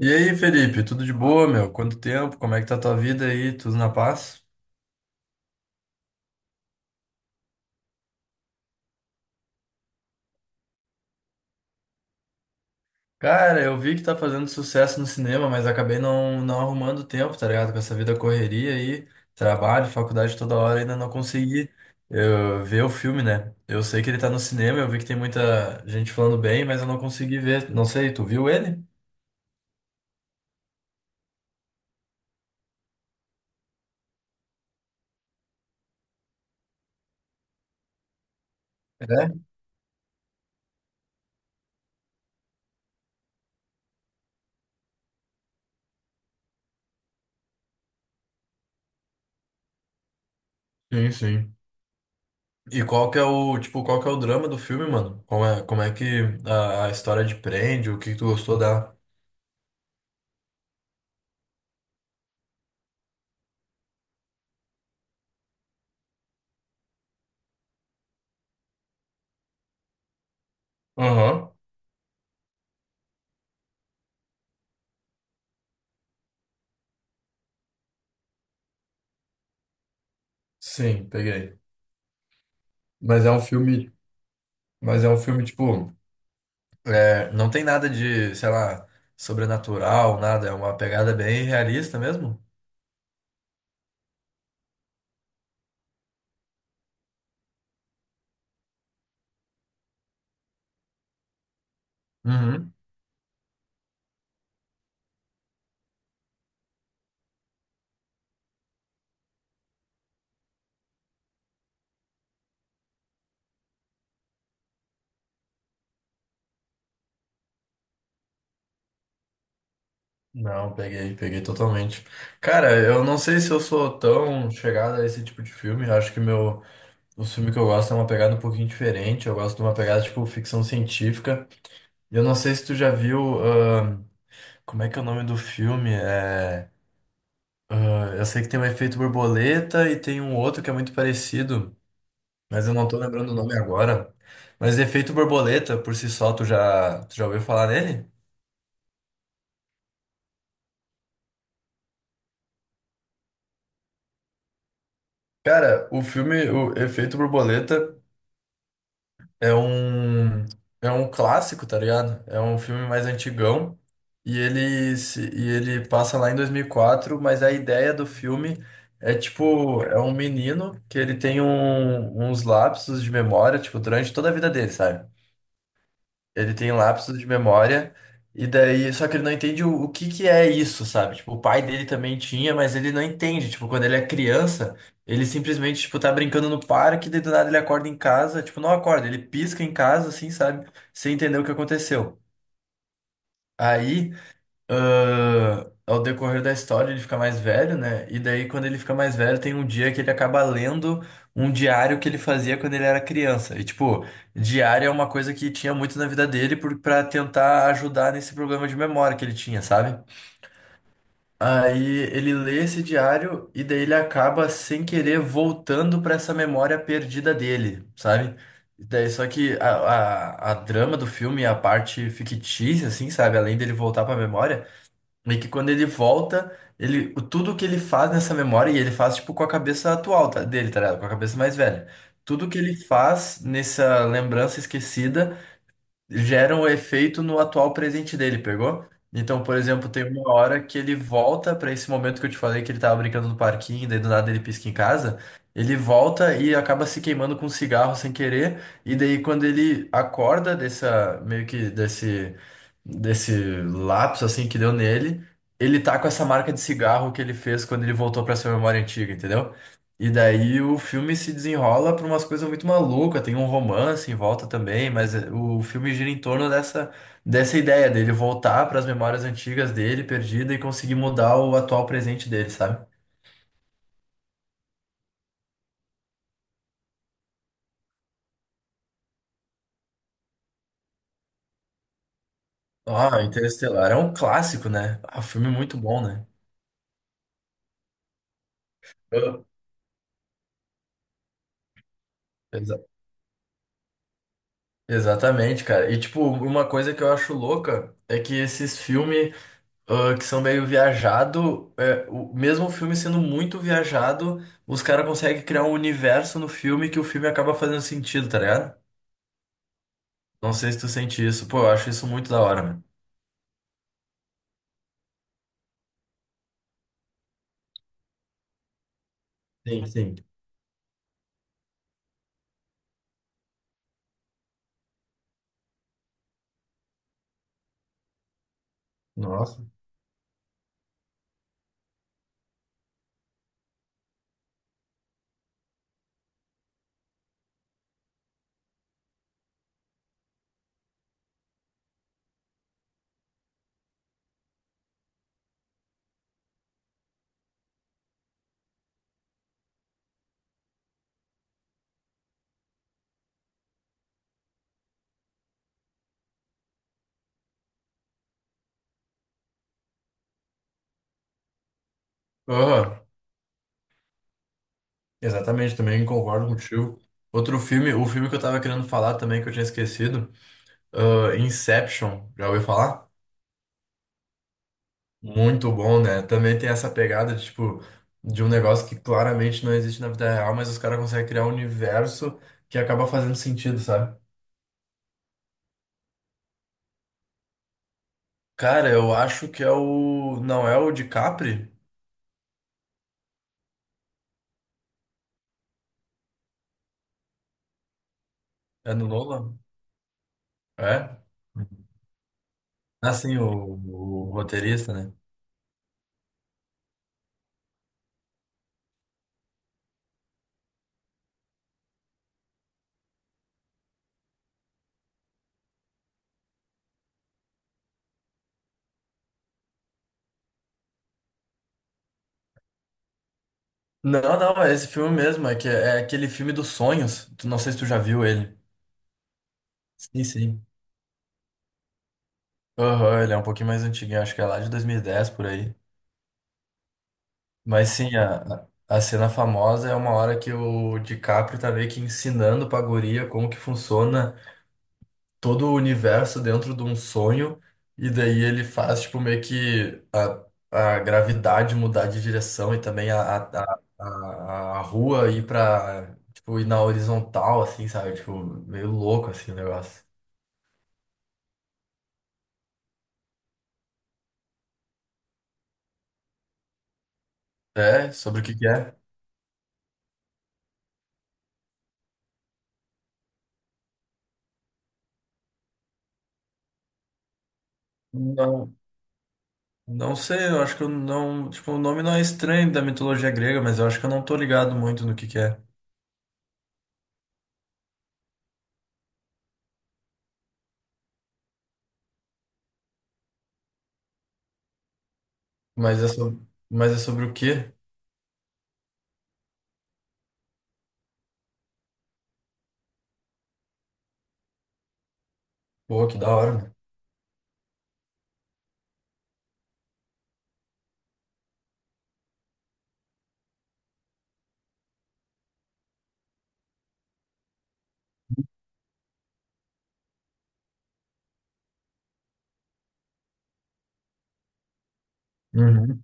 E aí, Felipe, tudo de boa, meu? Quanto tempo? Como é que tá a tua vida aí? Tudo na paz? Cara, eu vi que tá fazendo sucesso no cinema, mas acabei não arrumando tempo, tá ligado? Com essa vida correria aí, trabalho, faculdade toda hora, ainda não consegui ver o filme, né? Eu sei que ele tá no cinema, eu vi que tem muita gente falando bem, mas eu não consegui ver. Não sei, tu viu ele? É? Sim, sim. E qual que é o, tipo, qual que é o drama do filme, mano? Como é que a história de prende, o que que tu gostou da... Aham. Sim, peguei. Mas é um filme, mas é um filme, tipo, é, não tem nada de, sei lá, sobrenatural, nada. É uma pegada bem realista mesmo. Uhum. Não, peguei, peguei totalmente. Cara, eu não sei se eu sou tão chegado a esse tipo de filme. Eu acho que meu, o filme que eu gosto é uma pegada um pouquinho diferente. Eu gosto de uma pegada tipo ficção científica. Eu não sei se tu já viu, como é que é o nome do filme? É, ah, eu sei que tem o Efeito Borboleta e tem um outro que é muito parecido. Mas eu não tô lembrando o nome agora. Mas Efeito Borboleta, por si só, tu já ouviu falar nele? Cara, o filme, o Efeito Borboleta é um é um clássico, tá ligado? É um filme mais antigão e ele se- e ele passa lá em 2004. Mas a ideia do filme é tipo, é um menino que ele tem uns lapsos de memória, tipo, durante toda a vida dele, sabe? Ele tem lapsos de memória, e daí, só que ele não entende o que que é isso, sabe? Tipo, o pai dele também tinha, mas ele não entende. Tipo, quando ele é criança, ele simplesmente, tipo, tá brincando no parque, daí do nada ele acorda em casa, tipo, não acorda, ele pisca em casa, assim, sabe? Sem entender o que aconteceu. Aí ao decorrer da história ele fica mais velho, né? E daí, quando ele fica mais velho, tem um dia que ele acaba lendo um diário que ele fazia quando ele era criança. E, tipo, diário é uma coisa que tinha muito na vida dele pra tentar ajudar nesse problema de memória que ele tinha, sabe? Aí ele lê esse diário e daí ele acaba sem querer voltando pra essa memória perdida dele, sabe? E daí, só que a drama do filme, a parte fictícia, assim, sabe? Além dele voltar pra memória. E que quando ele volta, tudo que ele faz nessa memória, e ele faz tipo com a cabeça dele, tá ligado? Com a cabeça mais velha. Tudo que ele faz nessa lembrança esquecida geram o efeito no atual presente dele, pegou? Então, por exemplo, tem uma hora que ele volta pra esse momento que eu te falei que ele tava brincando no parquinho, daí do nada ele pisca em casa. Ele volta e acaba se queimando com um cigarro sem querer, e daí quando ele acorda dessa meio que desse lapso assim que deu nele, ele tá com essa marca de cigarro que ele fez quando ele voltou pra sua memória antiga, entendeu? E daí o filme se desenrola para umas coisas muito malucas, tem um romance em volta também, mas o filme gira em torno dessa ideia dele voltar para as memórias antigas dele, perdida, e conseguir mudar o atual presente dele, sabe? Ah, Interestelar é um clássico, né? Ah, um filme muito bom, né? Eu- Exa- exatamente, cara. E tipo, uma coisa que eu acho louca é que esses filmes. Que são meio viajado, é, o mesmo o filme sendo muito viajado, os caras conseguem criar um universo no filme que o filme acaba fazendo sentido, tá ligado? Não sei se tu sente isso. Pô, eu acho isso muito da hora, mano. Sim, sim. Nossa. Aham. Exatamente, também concordo contigo. Outro filme, o filme que eu tava querendo falar também, que eu tinha esquecido, Inception. Já ouviu falar? Muito bom, né? Também tem essa pegada de, tipo, de um negócio que claramente não existe na vida real, mas os caras conseguem criar um universo que acaba fazendo sentido, sabe? Cara, eu acho que é o. Não é o DiCaprio? É no Nolan? É? Assim, o roteirista, né? Não, não, é esse filme mesmo. É, que, é aquele filme dos sonhos. Não sei se tu já viu ele. Sim, sim. Aham, ele é um pouquinho mais antiguinho, acho que é lá de 2010 por aí. Mas sim, a cena famosa é uma hora que o DiCaprio tá meio que ensinando pra guria como que funciona todo o universo dentro de um sonho, e daí ele faz, tipo, meio que a gravidade mudar de direção e também a rua ir pra, tipo, ir na horizontal, assim, sabe? Tipo, meio louco, assim, o negócio. É, sobre o que que é? Não, não sei, eu acho que eu não, tipo, o nome não é estranho da mitologia grega, mas eu acho que eu não tô ligado muito no que é. Mas é sobre, mas é sobre o quê? Pô, que da hora, né? Uhum.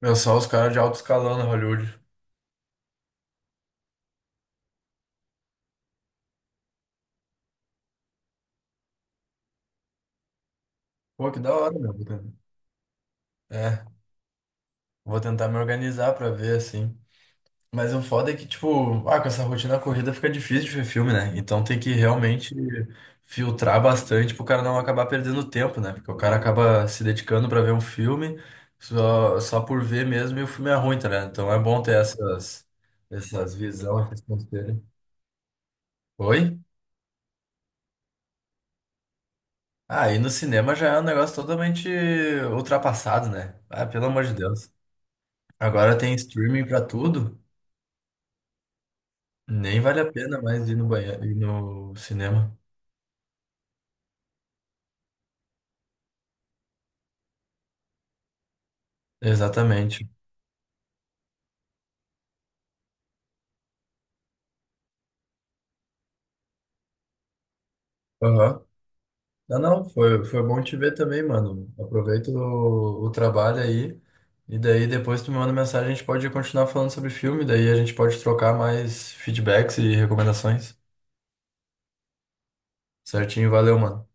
Pensar os caras de alto escalão na Hollywood. Pô, que da hora, meu. É, vou tentar me organizar pra ver, assim. Mas o foda é que, tipo, com essa rotina corrida fica difícil de ver filme, né? Então tem que realmente filtrar bastante pro cara não acabar perdendo tempo, né? Porque o cara acaba se dedicando pra ver um filme só por ver mesmo e o filme é ruim, tá, né? Então é bom ter essas, essas visões, essas conselhos. Oi? Ah, e no cinema já é um negócio totalmente ultrapassado, né? Ah, pelo amor de Deus. Agora tem streaming pra tudo, nem vale a pena mais ir no banheiro, ir no cinema. Exatamente. Aham. Não, não, foi, foi bom te ver também, mano. Aproveita o trabalho aí. E daí depois tu me manda mensagem, a gente pode continuar falando sobre filme, daí a gente pode trocar mais feedbacks e recomendações. Certinho, valeu, mano.